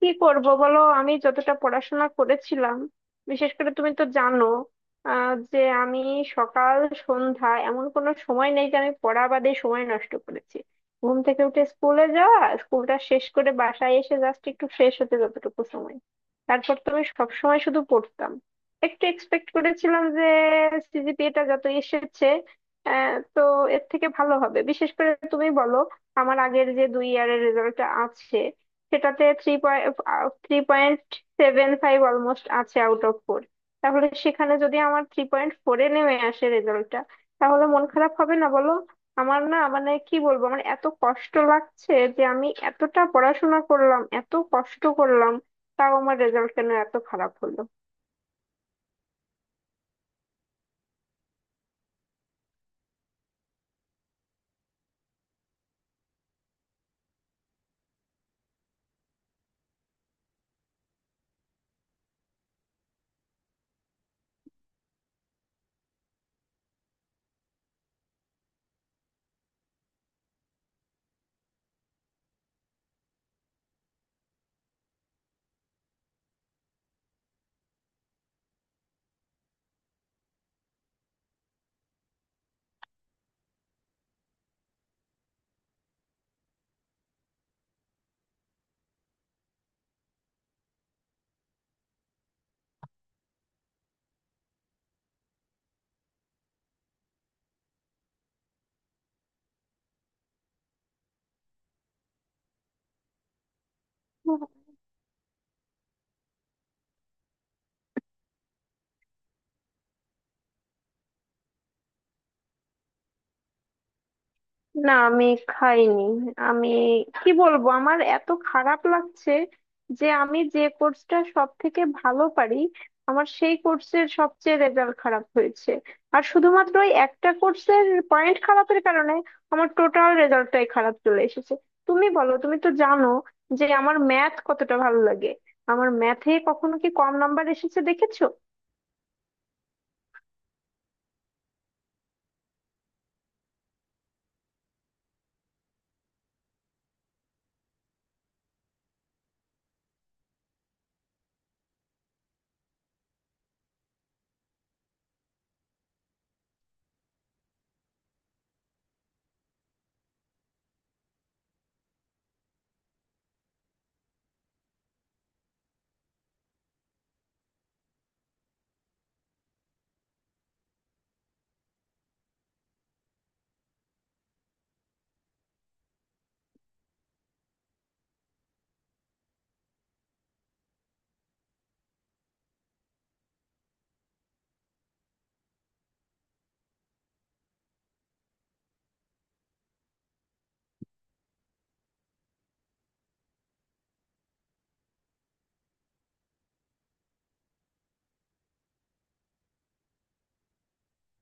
কি করব বলো? আমি যতটা পড়াশোনা করেছিলাম, বিশেষ করে তুমি তো জানো যে আমি সকাল সন্ধ্যা এমন কোনো সময় নেই যে আমি পড়া বাদে সময় নষ্ট করেছি। ঘুম থেকে উঠে স্কুলে যাওয়া, স্কুলটা শেষ করে বাসায় এসে জাস্ট একটু ফ্রেশ হতে যতটুকু সময়, তারপর তো আমি সবসময় শুধু পড়তাম। একটু এক্সপেক্ট করেছিলাম যে সিজিপিএটা যত এসেছে, তো এর থেকে ভালো হবে। বিশেষ করে তুমি বলো, আমার আগের যে 2 ইয়ারের রেজাল্টটা আছে, সেটাতে 3.75 অলমোস্ট আছে আউট অফ 4। তাহলে সেখানে যদি আমার 3.4-এ নেমে আসে রেজাল্টটা, তাহলে মন খারাপ হবে না বলো? আমার না, মানে কি বলবো, আমার এত কষ্ট লাগছে যে আমি এতটা পড়াশোনা করলাম, এত কষ্ট করলাম, তাও আমার রেজাল্ট কেন এত খারাপ হলো? না, আমি খাইনি। আমি কি বলবো, আমার এত খারাপ লাগছে যে আমি যে কোর্সটা সব থেকে ভালো পারি, আমার সেই কোর্সের সবচেয়ে রেজাল্ট খারাপ হয়েছে। আর শুধুমাত্র ওই একটা কোর্সের পয়েন্ট খারাপের কারণে আমার টোটাল রেজাল্টটাই খারাপ চলে এসেছে। তুমি বলো, তুমি তো জানো যে আমার ম্যাথ কতটা ভালো লাগে। আমার ম্যাথে কখনো কি কম নাম্বার এসেছে দেখেছো?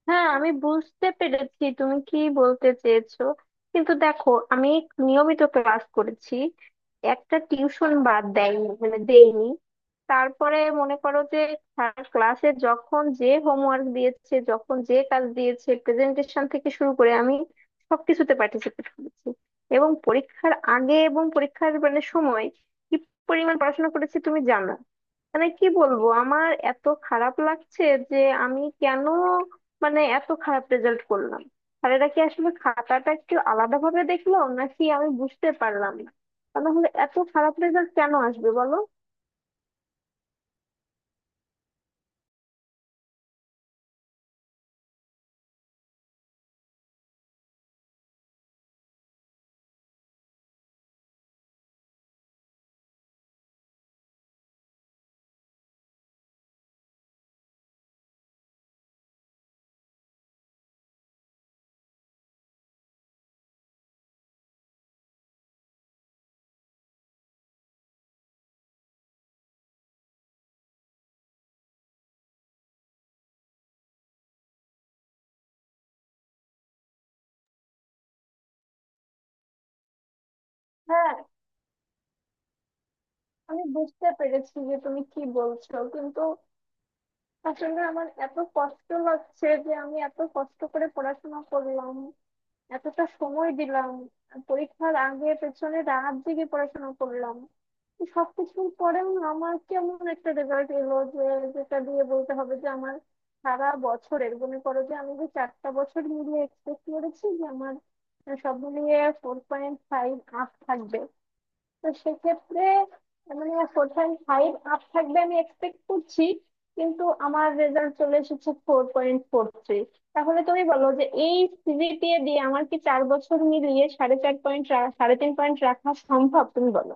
হ্যাঁ, আমি বুঝতে পেরেছি তুমি কি বলতে চেয়েছো, কিন্তু দেখো, আমি নিয়মিত ক্লাস করেছি, একটা টিউশন বাদ দেয়নি, মানে দেইনি। তারপরে মনে করো যে স্যার ক্লাসে যখন যে হোমওয়ার্ক দিয়েছে, যখন যে কাজ দিয়েছে, প্রেজেন্টেশন থেকে শুরু করে আমি সবকিছুতে পার্টিসিপেট করেছি। এবং পরীক্ষার আগে এবং পরীক্ষার মানে সময় কি পরিমাণ পড়াশোনা করেছি তুমি জানো। মানে কি বলবো, আমার এত খারাপ লাগছে যে আমি কেন মানে এত খারাপ রেজাল্ট করলাম? আর এটা কি আসলে খাতাটা একটু আলাদা ভাবে দেখলো নাকি, আমি বুঝতে পারলাম না। তা নাহলে এত খারাপ রেজাল্ট কেন আসবে বলো? হ্যাঁ, আমি বুঝতে পেরেছি যে তুমি কি বলছো, কিন্তু আসলে আমার এত কষ্ট লাগছে যে আমি এত কষ্ট করে পড়াশোনা করলাম, এতটা সময় দিলাম, পরীক্ষার আগে পেছনে রাত জেগে পড়াশোনা করলাম। তো সবকিছুর পরেও আমার কেমন একটা রেজাল্ট এলো যে, যেটা দিয়ে বলতে হবে যে আমার সারা বছরের, মনে করো যে আমি যে 4টা বছর মিলিয়ে এক্সপেক্ট করেছি যে আমার সব মিলিয়ে 4.5 আপ থাকবে। তো সেক্ষেত্রে মানে 4.5 আপ থাকবে আমি এক্সপেক্ট করছি, কিন্তু আমার রেজাল্ট চলে এসেছে 4.43। তাহলে তুমি বলো যে এই সিজিপিএ দিয়ে আমার কি 4 বছর মিলিয়ে 4.5 পয়েন্ট, 3.5 পয়েন্ট রাখা সম্ভব? তুমি বলো।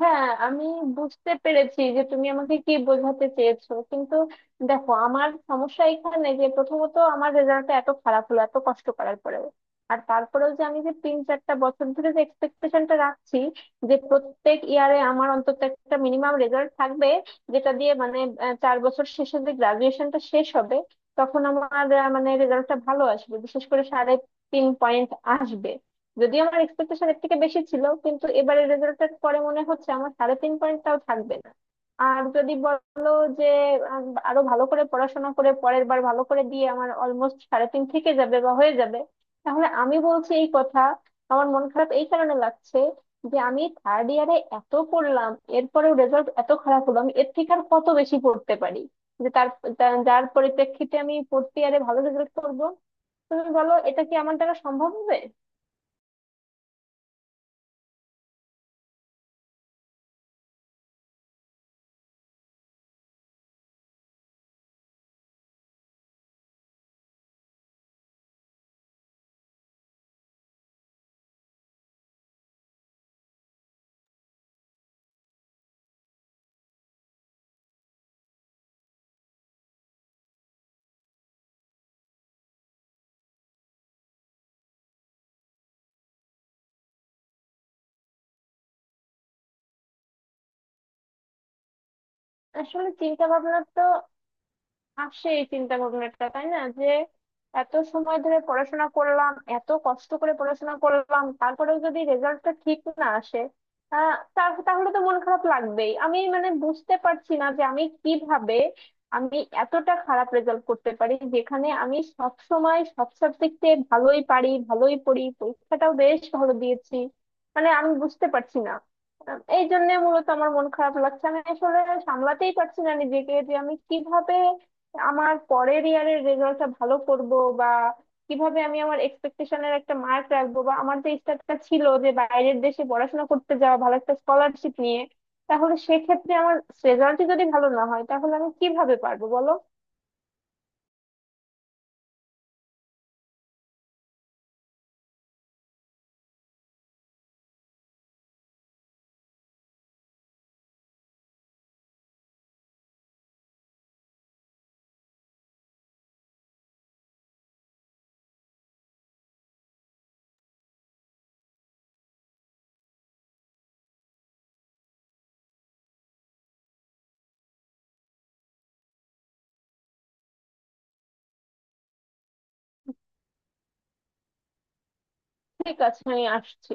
হ্যাঁ, আমি বুঝতে পেরেছি যে তুমি আমাকে কি বোঝাতে চেয়েছো, কিন্তু দেখো, আমার সমস্যা এখানে যে প্রথমত আমার রেজাল্টটা এত খারাপ হলো এত কষ্ট করার পরেও। আর তারপরেও যে আমি যে 3-4টা বছর ধরে যে এক্সপেকটেশনটা রাখছি, যে প্রত্যেক ইয়ারে আমার অন্তত একটা মিনিমাম রেজাল্ট থাকবে, যেটা দিয়ে মানে চার বছর শেষে যে গ্রাজুয়েশনটা শেষ হবে তখন আমার মানে রেজাল্টটা ভালো আসবে, বিশেষ করে 3.5 পয়েন্ট আসবে। যদিও আমার এক্সপেকটেশন এর থেকে বেশি ছিল, কিন্তু এবারের রেজাল্টের পরে মনে হচ্ছে আমার 3.5 পয়েন্টটাও থাকবে না। আর যদি বলো যে আরো ভালো করে পড়াশোনা করে পরের বার ভালো করে দিয়ে আমার অলমোস্ট 3.5 থেকে যাবে বা হয়ে যাবে, তাহলে আমি বলছি এই কথা, আমার মন খারাপ এই কারণে লাগছে যে আমি থার্ড ইয়ারে এত পড়লাম, এরপরেও রেজাল্ট এত খারাপ হলো। আমি এর থেকে আর কত বেশি পড়তে পারি যে তার যার পরিপ্রেক্ষিতে আমি ফোর্থ ইয়ারে ভালো রেজাল্ট করবো? তুমি বলো, এটা কি আমার দ্বারা সম্ভব হবে? আসলে চিন্তা ভাবনা তো আসে, এই চিন্তা ভাবনাটা তাই না, যে এত সময় ধরে পড়াশোনা করলাম, এত কষ্ট করে পড়াশোনা করলাম, তারপরেও যদি রেজাল্টটা ঠিক না আসে, তাহলে তো মন খারাপ লাগবেই। আমি মানে বুঝতে পারছি না যে আমি কিভাবে আমি এতটা খারাপ রেজাল্ট করতে পারি, যেখানে আমি সব সময় সব সাবজেক্টে ভালোই পারি, ভালোই পড়ি, পরীক্ষাটাও বেশ ভালো দিয়েছি। মানে আমি বুঝতে পারছি না। এই জন্য মূলত আমার মন খারাপ লাগছে। আমি আসলে সামলাতেই পারছি না নিজেকে যে আমি কিভাবে আমার পরের ইয়ারের রেজাল্টটা ভালো করব, বা কিভাবে আমি আমার এক্সপেকটেশনের একটা মার্ক রাখবো, বা আমার যে ইচ্ছাটা ছিল যে বাইরের দেশে পড়াশোনা করতে যাওয়া ভালো একটা স্কলারশিপ নিয়ে, তাহলে সেক্ষেত্রে আমার রেজাল্টই যদি ভালো না হয় তাহলে আমি কিভাবে পারবো বলো? ঠিক আছে, আমি আসছি।